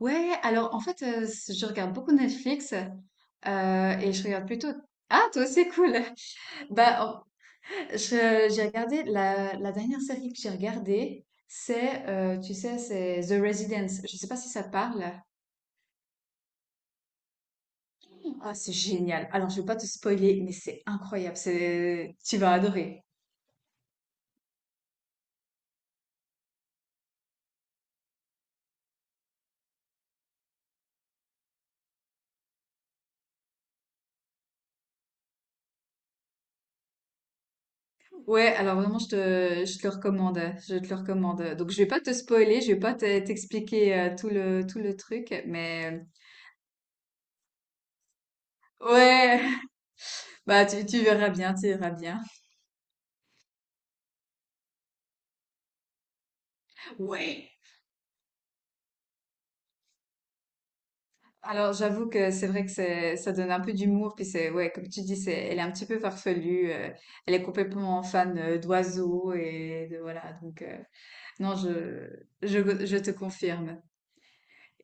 Ouais, alors en fait, c je regarde beaucoup Netflix. Et je regarde plutôt... Ah, toi aussi, cool! Bah, en je j'ai regardé la dernière série que j'ai regardée, c'est, tu sais, c'est The Residence. Je sais pas si ça te parle? Ah, c'est génial! Alors, je vais pas te spoiler, mais c'est incroyable, c'est tu vas adorer. Ouais, alors vraiment, je te le recommande, donc je vais pas te spoiler, je vais pas te t'expliquer, tout le truc, mais ouais! Bah, tu verras bien, tu verras bien. Ouais. Alors, j'avoue que c'est vrai que c'est, ça donne un peu d'humour, puis c'est, ouais, comme tu dis, c'est, elle est un petit peu farfelue, elle est complètement fan d'oiseaux et de, voilà, donc, non, je te confirme.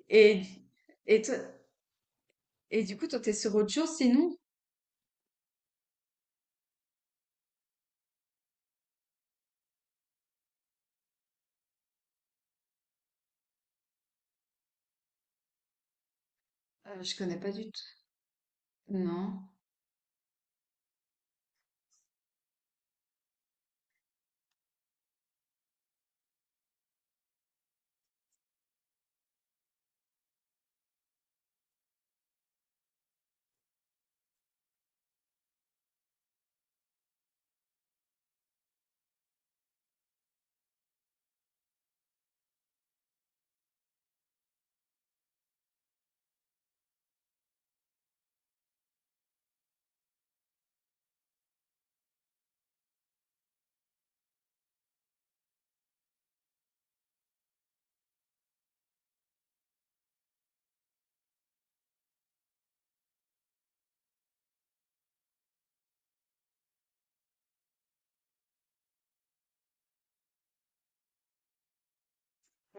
Et, et et du coup, toi, t'es sur autre chose sinon? Je connais pas du tout. Non.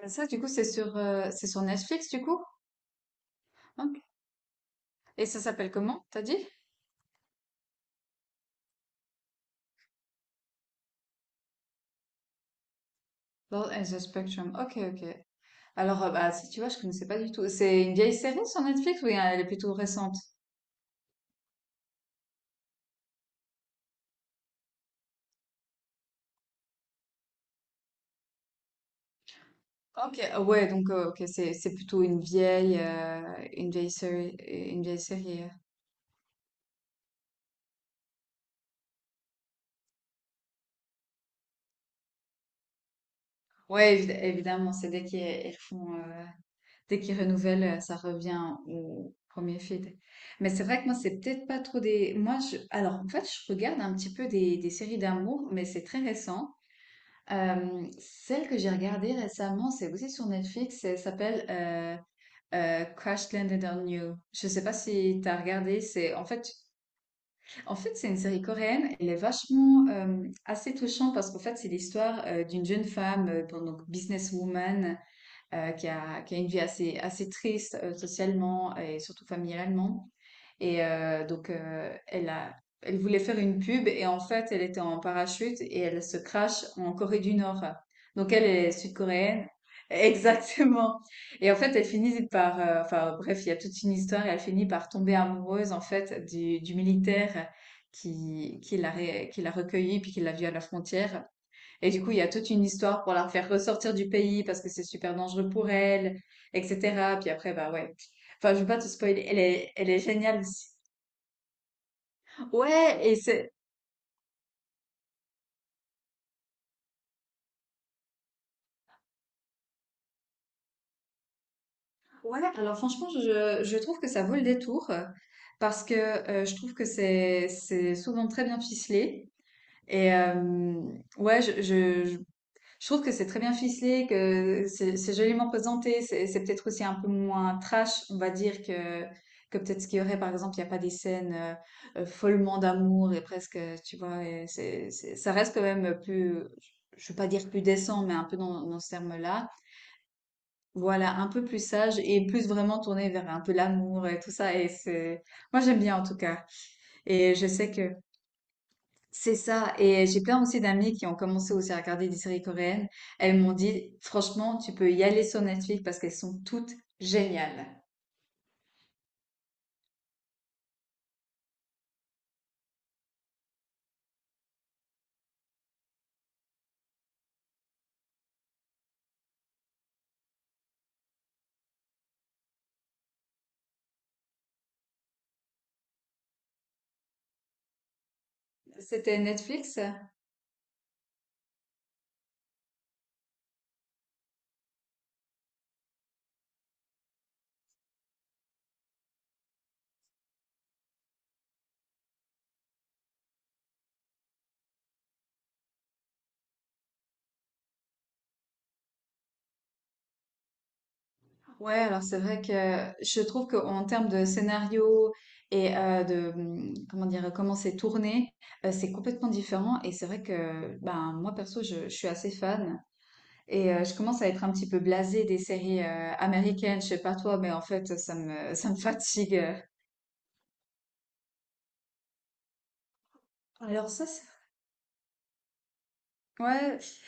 Mais ça, du coup, c'est sur Netflix, du coup? Ok. Et ça s'appelle comment, t'as dit? Love as a Spectrum. Ok, ok. Alors, bah, si tu vois, je connaissais pas du tout. C'est une vieille série sur Netflix ou elle est plutôt récente? Ok. Ah, ouais, donc ok, c'est plutôt une vieille série une vieille série. Ouais, évidemment, c'est dès qu'ils font dès qu'ils renouvellent, ça revient au premier feed. Mais c'est vrai que moi, c'est peut-être pas trop des. Moi, je alors en fait, je regarde un petit peu des séries d'amour, mais c'est très récent. Celle que j'ai regardée récemment, c'est aussi sur Netflix. Elle s'appelle Crash Landed on You. Je sais pas si tu as regardé. En fait, c'est une série coréenne. Elle est vachement assez touchante parce qu'en fait, c'est l'histoire d'une jeune femme, bon, donc businesswoman, qui a une vie assez, assez triste socialement et surtout familialement. Et donc, elle voulait faire une pub et en fait, elle était en parachute et elle se crache en Corée du Nord. Donc, elle est sud-coréenne. Exactement. Et en fait, elle finit par, enfin bref, il y a toute une histoire et elle finit par tomber amoureuse en fait du, militaire qui l'a recueillie puis qui l'a vue à la frontière. Et du coup, il y a toute une histoire pour la refaire ressortir du pays parce que c'est super dangereux pour elle, etc. Puis après, bah ouais. Enfin, je veux pas te spoiler. Elle est géniale aussi. Ouais, et c'est... Ouais, alors franchement, je trouve que ça vaut le détour parce que je trouve que c'est souvent très bien ficelé. Et ouais, je trouve que c'est très bien ficelé, que c'est joliment présenté. C'est peut-être aussi un peu moins trash, on va dire, que peut-être ce qu'il y aurait, par exemple, il n'y a pas des scènes follement d'amour et presque, tu vois, et ça reste quand même plus, je ne veux pas dire plus décent, mais un peu dans ce terme-là. Voilà, un peu plus sage et plus vraiment tourné vers un peu l'amour et tout ça. Moi j'aime bien en tout cas. Et je sais que c'est ça. Et j'ai plein aussi d'amis qui ont commencé aussi à regarder des séries coréennes. Elles m'ont dit, franchement, tu peux y aller sur Netflix parce qu'elles sont toutes géniales. C'était Netflix? Ouais, alors c'est vrai que je trouve qu'en termes de scénario et comment dire, comment c'est tourné, c'est complètement différent. Et c'est vrai que, ben, moi perso, je suis assez fan. Et je commence à être un petit peu blasée des séries américaines. Je sais pas toi, mais en fait, ça me fatigue. Alors ça. Ouais.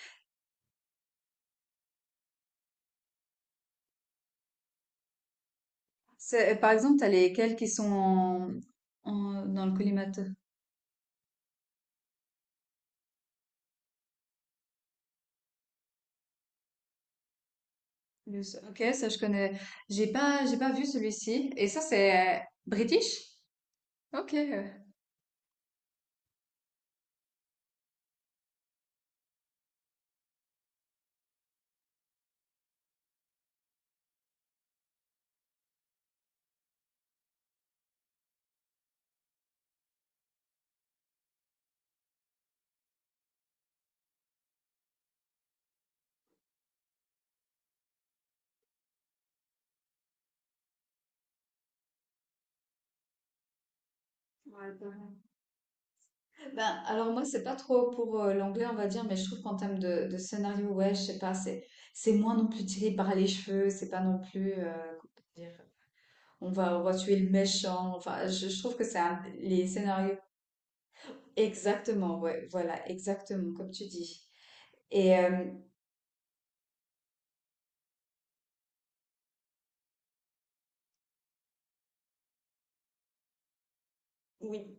Par exemple, t'as lesquels qui sont dans le collimateur. Ok, ça je connais. J'ai pas vu celui-ci. Et ça c'est British? Ok. Ouais, pas mal. Ben, alors moi c'est pas trop pour l'anglais on va dire, mais je trouve qu'en termes de scénario, ouais, je sais pas, c'est moins non plus tiré par les cheveux, c'est pas non plus comment dire, on va tuer le méchant. Enfin, je trouve que les scénarios. Exactement, ouais, voilà, exactement comme tu dis. Et oui.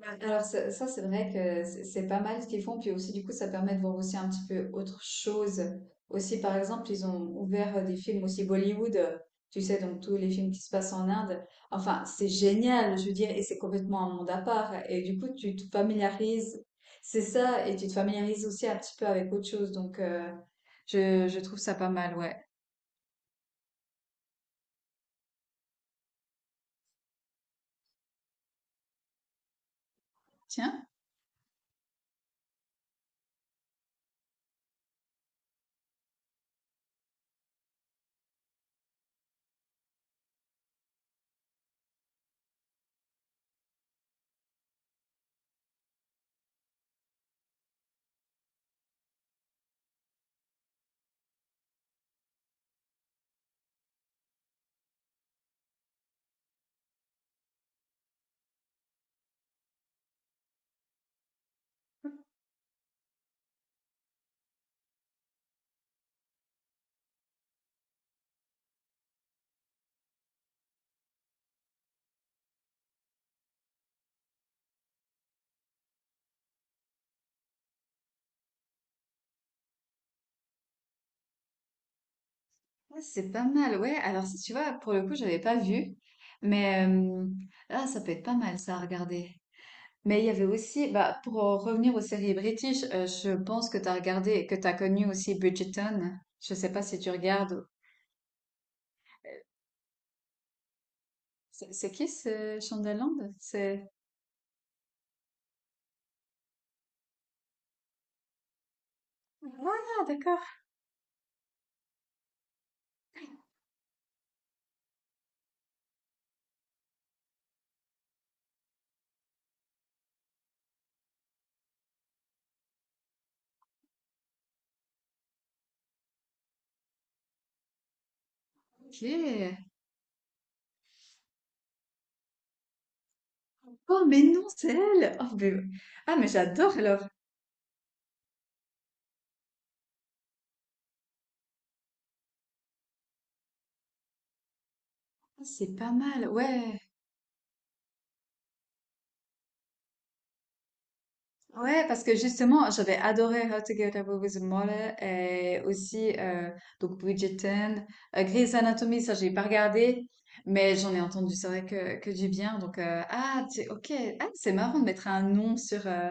Ouais, alors ça, c'est vrai que c'est pas mal ce qu'ils font, puis aussi du coup ça permet de voir aussi un petit peu autre chose. Aussi par exemple ils ont ouvert des films aussi Bollywood, tu sais donc tous les films qui se passent en Inde. Enfin c'est génial, je veux dire, et c'est complètement un monde à part. Et du coup tu te familiarises, c'est ça, et tu te familiarises aussi un petit peu avec autre chose. Donc je trouve ça pas mal, ouais. Tiens, ouais, c'est pas mal, ouais. Alors si tu vois pour le coup j'avais pas vu, mais ah, ça peut être pas mal ça à regarder. Mais il y avait aussi, bah, pour en revenir aux séries british, je pense que tu as regardé, que tu as connu aussi Bridgerton. Je sais pas si tu regardes. Euh, c'est qui ce Shondaland? C'est... Ah, d'accord. Ok. Oh, mais non, c'est elle! Oh. Ah, mais j'adore alors. Ah, c'est pas mal, ouais. Ouais, parce que justement, j'avais adoré How to Get Away with Murder et aussi donc Bridgerton, Grey's Anatomy, ça j'ai pas regardé, mais j'en ai entendu, c'est vrai que du bien. Donc ok, ah c'est marrant de mettre un nom sur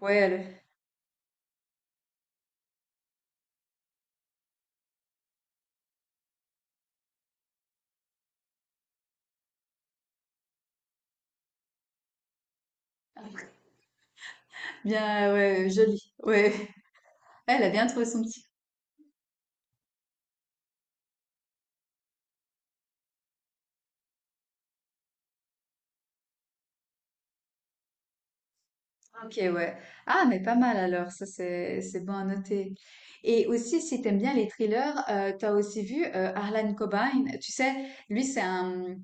ouais. Bien, ouais, joli, ouais, elle a bien trouvé son petit. Ok, ouais. Ah, mais pas mal alors, ça c'est bon à noter. Et aussi, si t'aimes bien les thrillers, t'as aussi vu Harlan Cobain. Tu sais, lui c'est un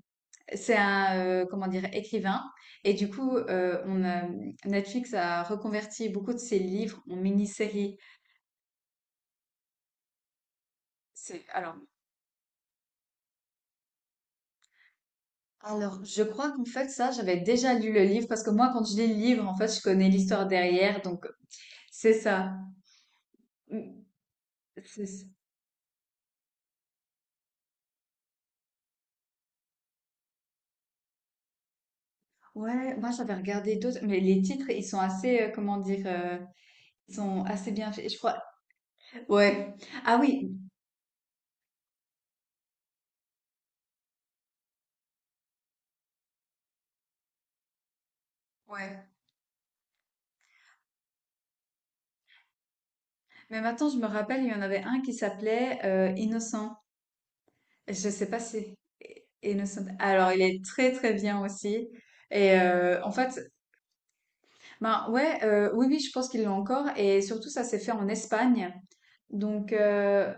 comment dire écrivain. Et du coup, Netflix a reconverti beaucoup de ses livres en mini-séries. C'est alors je crois qu'en fait ça, j'avais déjà lu le livre parce que moi quand je lis le livre, en fait, je connais l'histoire derrière, donc c'est ça. Mm. C'est Ouais, moi j'avais regardé d'autres, mais les titres, ils sont assez, comment dire, ils sont assez bien faits, je crois. Ouais. Ah oui, ouais. Mais maintenant, je me rappelle, il y en avait un qui s'appelait Innocent. Je sais pas si... Innocent. Alors, il est très très bien aussi. Et en fait, ben ouais, oui, oui, je pense qu'ils l'ont encore. Et surtout, ça s'est fait en Espagne. Donc,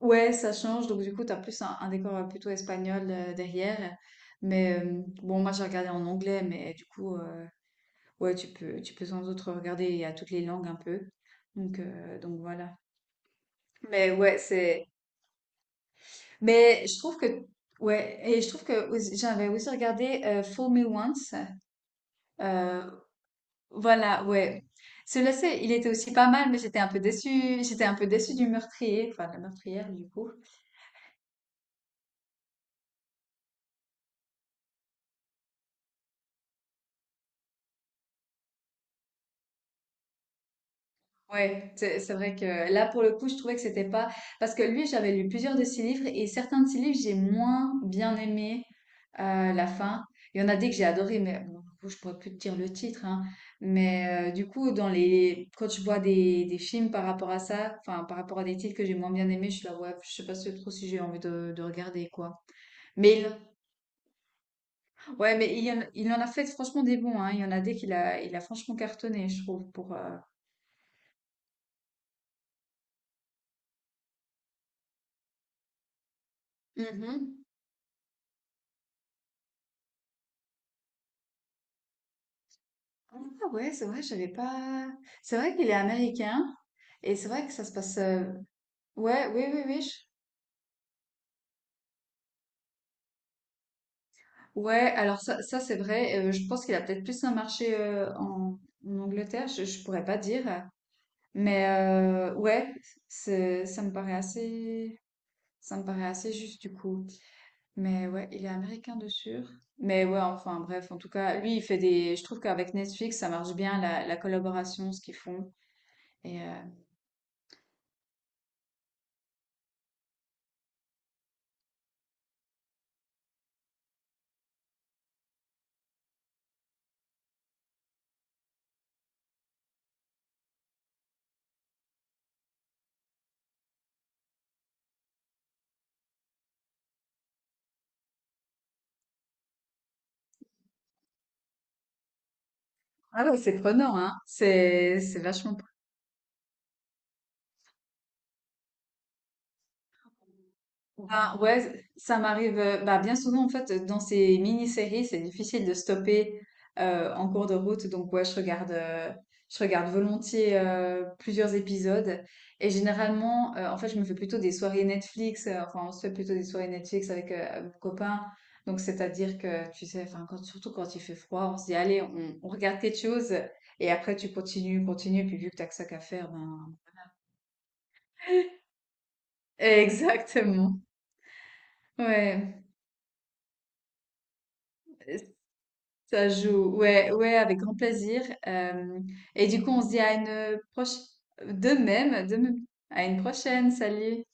ouais, ça change. Donc, du coup, tu as plus un décor plutôt espagnol derrière. Mais bon, moi, j'ai regardé en anglais, mais du coup, ouais, tu peux sans doute regarder à toutes les langues un peu. Donc voilà. Mais ouais, c'est. Mais je trouve que. Ouais, et je trouve que j'avais aussi regardé Fool Me Once. euh, Voilà, ouais. Celui-là, il était aussi pas mal, mais j'étais un peu déçue. J'étais un peu déçue du meurtrier, enfin de la meurtrière du coup. Ouais, c'est vrai que là, pour le coup, je trouvais que c'était pas. Parce que lui, j'avais lu plusieurs de ses livres, et certains de ses livres, j'ai moins bien aimé la fin. Il y en a des que j'ai adoré, mais bon, du coup, je pourrais plus te dire le titre, hein. Mais du coup, dans les... quand je vois des, films par rapport à ça, enfin, par rapport à des titres que j'ai moins bien aimés, je suis là, ouais, je sais pas trop si j'ai envie de regarder, quoi. Mais ouais, mais il y en, il en a fait franchement des bons, hein. Il y en a des qu'il a franchement cartonné, je trouve, pour. Mhm. Ah ouais, c'est vrai, j'avais pas. C'est vrai qu'il est américain et c'est vrai que ça se passe. Ouais, oui, oui, oui. Ouais, alors ça c'est vrai. Je pense qu'il a peut-être plus un marché en Angleterre, je pourrais pas dire. Mais ouais, ça me paraît assez, ça me paraît assez juste du coup. Mais ouais, il est américain de sûr. Mais ouais, enfin bref, en tout cas, lui, il fait des... Je trouve qu'avec Netflix, ça marche bien, la collaboration, ce qu'ils font. Et euh, ah ouais, c'est prenant, hein. C'est vachement. Ben ouais, ça m'arrive bah, bien souvent en fait dans ces mini-séries, c'est difficile de stopper en cours de route. Donc ouais, je regarde volontiers plusieurs épisodes et généralement en fait, je me fais plutôt des soirées Netflix, enfin on se fait plutôt des soirées Netflix avec mon copain. Donc c'est-à-dire que tu sais enfin quand, surtout quand il fait froid, on se dit allez, on regarde quelque chose et après tu continues, continues puis vu que t'as que ça qu'à faire ben exactement. Ouais. Ça joue, ouais, ouais, avec grand plaisir. Et du coup, on se dit à une proche, de même, à une prochaine, salut.